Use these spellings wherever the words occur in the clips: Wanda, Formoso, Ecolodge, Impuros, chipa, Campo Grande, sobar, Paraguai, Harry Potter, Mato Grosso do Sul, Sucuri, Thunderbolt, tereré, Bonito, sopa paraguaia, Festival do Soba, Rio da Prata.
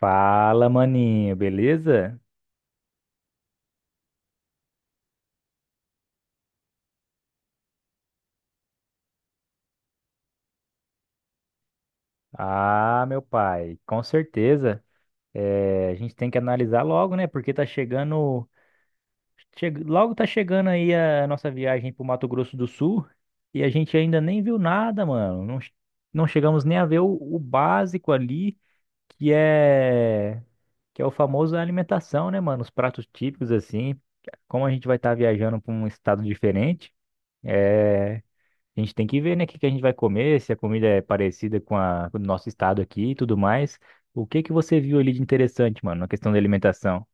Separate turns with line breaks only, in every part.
Fala, maninho, beleza? Ah, meu pai, com certeza. É, a gente tem que analisar logo, né? Porque tá chegando, logo tá chegando aí a nossa viagem pro Mato Grosso do Sul e a gente ainda nem viu nada, mano. Não, não chegamos nem a ver o básico ali, que é que é o famoso alimentação, né, mano? Os pratos típicos assim. Como a gente vai estar viajando pra um estado diferente, é, a gente tem que ver, né, o que que a gente vai comer, se a comida é parecida com o nosso estado aqui e tudo mais. O que que você viu ali de interessante, mano, na questão da alimentação?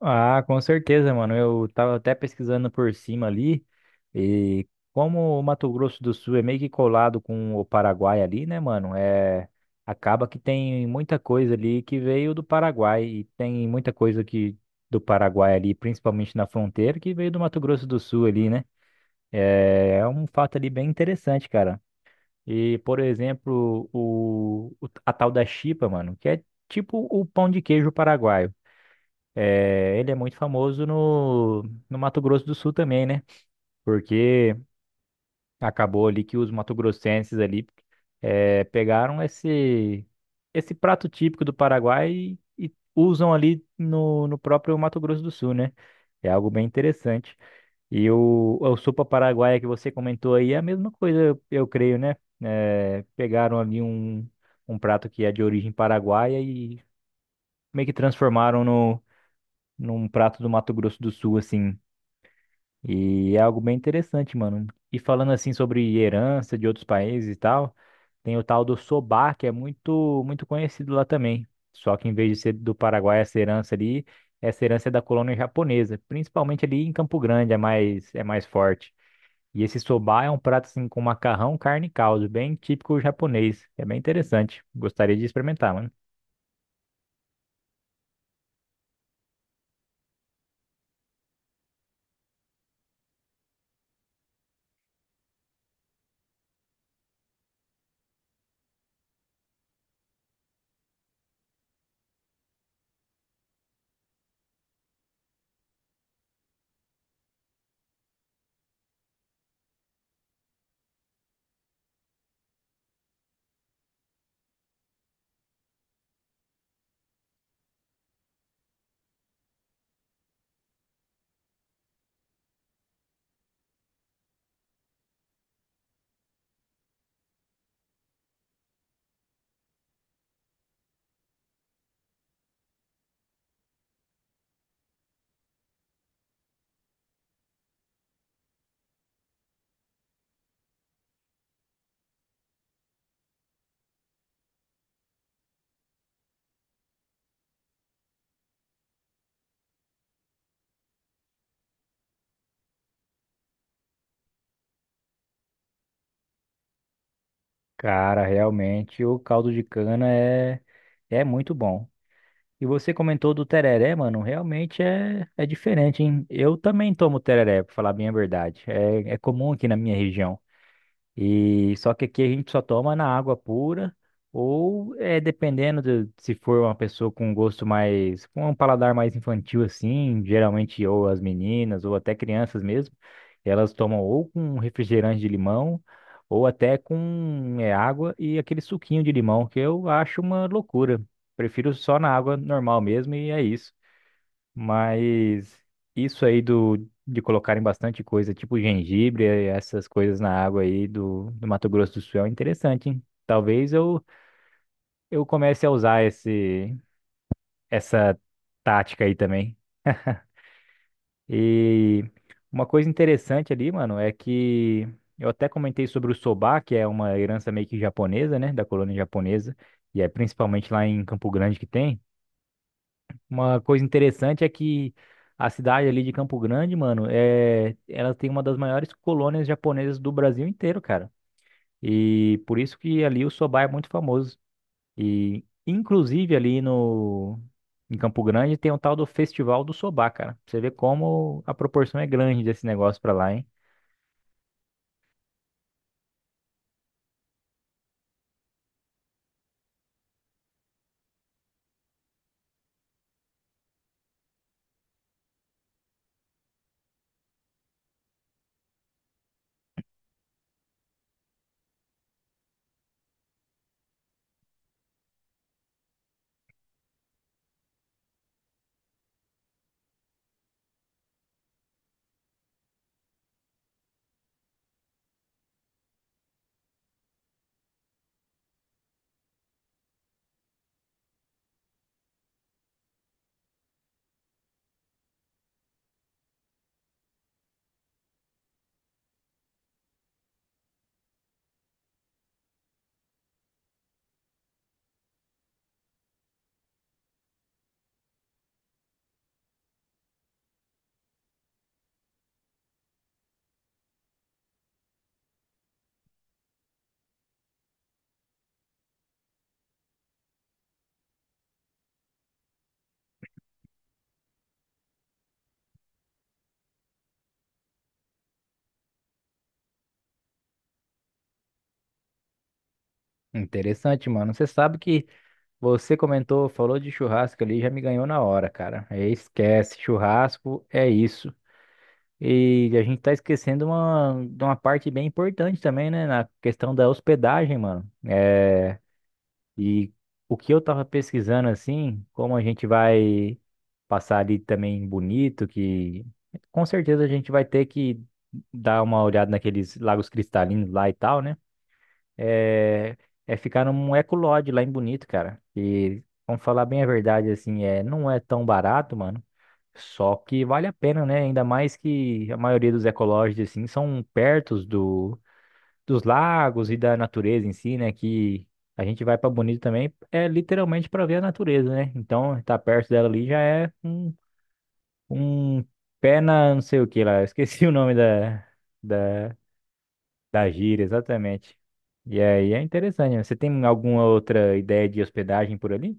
Ah, com certeza, mano. Eu tava até pesquisando por cima ali e como o Mato Grosso do Sul é meio que colado com o Paraguai ali, né, mano? Acaba que tem muita coisa ali que veio do Paraguai e tem muita coisa que do Paraguai ali, principalmente na fronteira, que veio do Mato Grosso do Sul ali, né? É um fato ali bem interessante, cara. E, por exemplo, a tal da chipa, mano, que é tipo o pão de queijo paraguaio. É, ele é muito famoso no Mato Grosso do Sul também, né? Porque acabou ali que os mato-grossenses ali pegaram esse prato típico do Paraguai e usam ali no próprio Mato Grosso do Sul, né? É algo bem interessante. E o, a sopa paraguaia que você comentou aí é a mesma coisa, eu creio, né? Pegaram ali um prato que é de origem paraguaia e meio que transformaram no, num prato do Mato Grosso do Sul, assim. E é algo bem interessante, mano. E falando assim sobre herança de outros países e tal, tem o tal do sobar, que é muito, muito conhecido lá também. Só que em vez de ser do Paraguai, essa herança ali, essa herança é da colônia japonesa, principalmente ali em Campo Grande, é mais forte. E esse soba é um prato assim com macarrão, carne e caldo, bem típico japonês. É bem interessante. Gostaria de experimentar, mano. Cara, realmente o caldo de cana é muito bom. E você comentou do tereré, mano. Realmente é diferente, hein? Eu também tomo tereré, pra falar bem a verdade. É, é comum aqui na minha região. E só que aqui a gente só toma na água pura, ou é dependendo de, se for uma pessoa com gosto mais, com um paladar mais infantil assim, geralmente ou as meninas ou até crianças mesmo, elas tomam ou com um refrigerante de limão ou até com água e aquele suquinho de limão que eu acho uma loucura. Prefiro só na água normal mesmo e é isso. Mas isso aí do, de colocarem bastante coisa, tipo gengibre, essas coisas na água aí do Mato Grosso do Sul é interessante, hein? Eu comece a usar esse, essa tática aí também. E uma coisa interessante ali, mano, é que eu até comentei sobre o soba, que é uma herança meio que japonesa, né, da colônia japonesa, e é principalmente lá em Campo Grande que tem. Uma coisa interessante é que a cidade ali de Campo Grande, mano, é, ela tem uma das maiores colônias japonesas do Brasil inteiro, cara. E por isso que ali o soba é muito famoso. E inclusive ali no em Campo Grande tem o tal do Festival do Soba, cara. Pra você vê como a proporção é grande desse negócio pra lá, hein? Interessante, mano. Você sabe que você comentou, falou de churrasco ali, já me ganhou na hora, cara. Esquece, churrasco é isso. E a gente tá esquecendo uma, de uma parte bem importante também, né? Na questão da hospedagem, mano. É, e o que eu tava pesquisando, assim, como a gente vai passar ali também bonito, que com certeza a gente vai ter que dar uma olhada naqueles lagos cristalinos lá e tal, né? É, é ficar num Ecolodge lá em Bonito, cara. E vamos falar bem a verdade, assim, é, não é tão barato, mano. Só que vale a pena, né? Ainda mais que a maioria dos ecolodges, assim, são perto dos lagos e da natureza em si, né? Que a gente vai pra Bonito também, é literalmente pra ver a natureza, né? Então, estar tá perto dela ali já é um pé na não sei o que lá. Eu esqueci o nome da da gíria, exatamente. E aí é interessante. Né? Você tem alguma outra ideia de hospedagem por ali?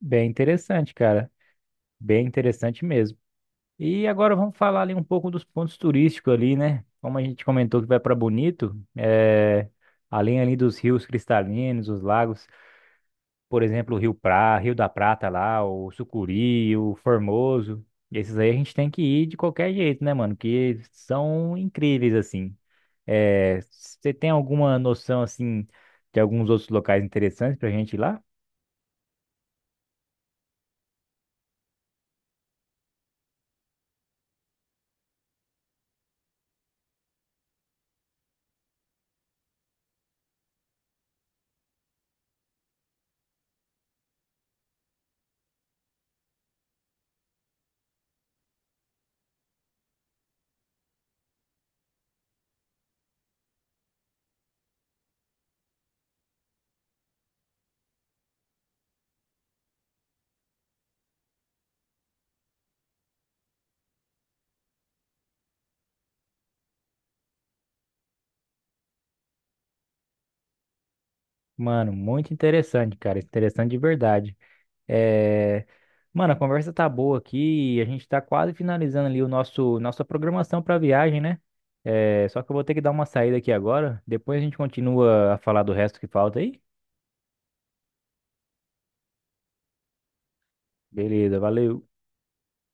Bem interessante, cara. Bem interessante mesmo. E agora vamos falar ali um pouco dos pontos turísticos ali, né? Como a gente comentou que vai para Bonito, é, além ali dos rios cristalinos, os lagos, por exemplo, o Rio da Prata lá, o Sucuri, o Formoso. Esses aí a gente tem que ir de qualquer jeito, né, mano? Que são incríveis assim. É, você tem alguma noção assim de alguns outros locais interessantes pra gente ir lá? Mano, muito interessante, cara. Interessante de verdade. É, mano, a conversa tá boa aqui. E a gente tá quase finalizando ali o nosso nossa programação pra viagem, né? É, só que eu vou ter que dar uma saída aqui agora. Depois a gente continua a falar do resto que falta aí. Beleza, valeu.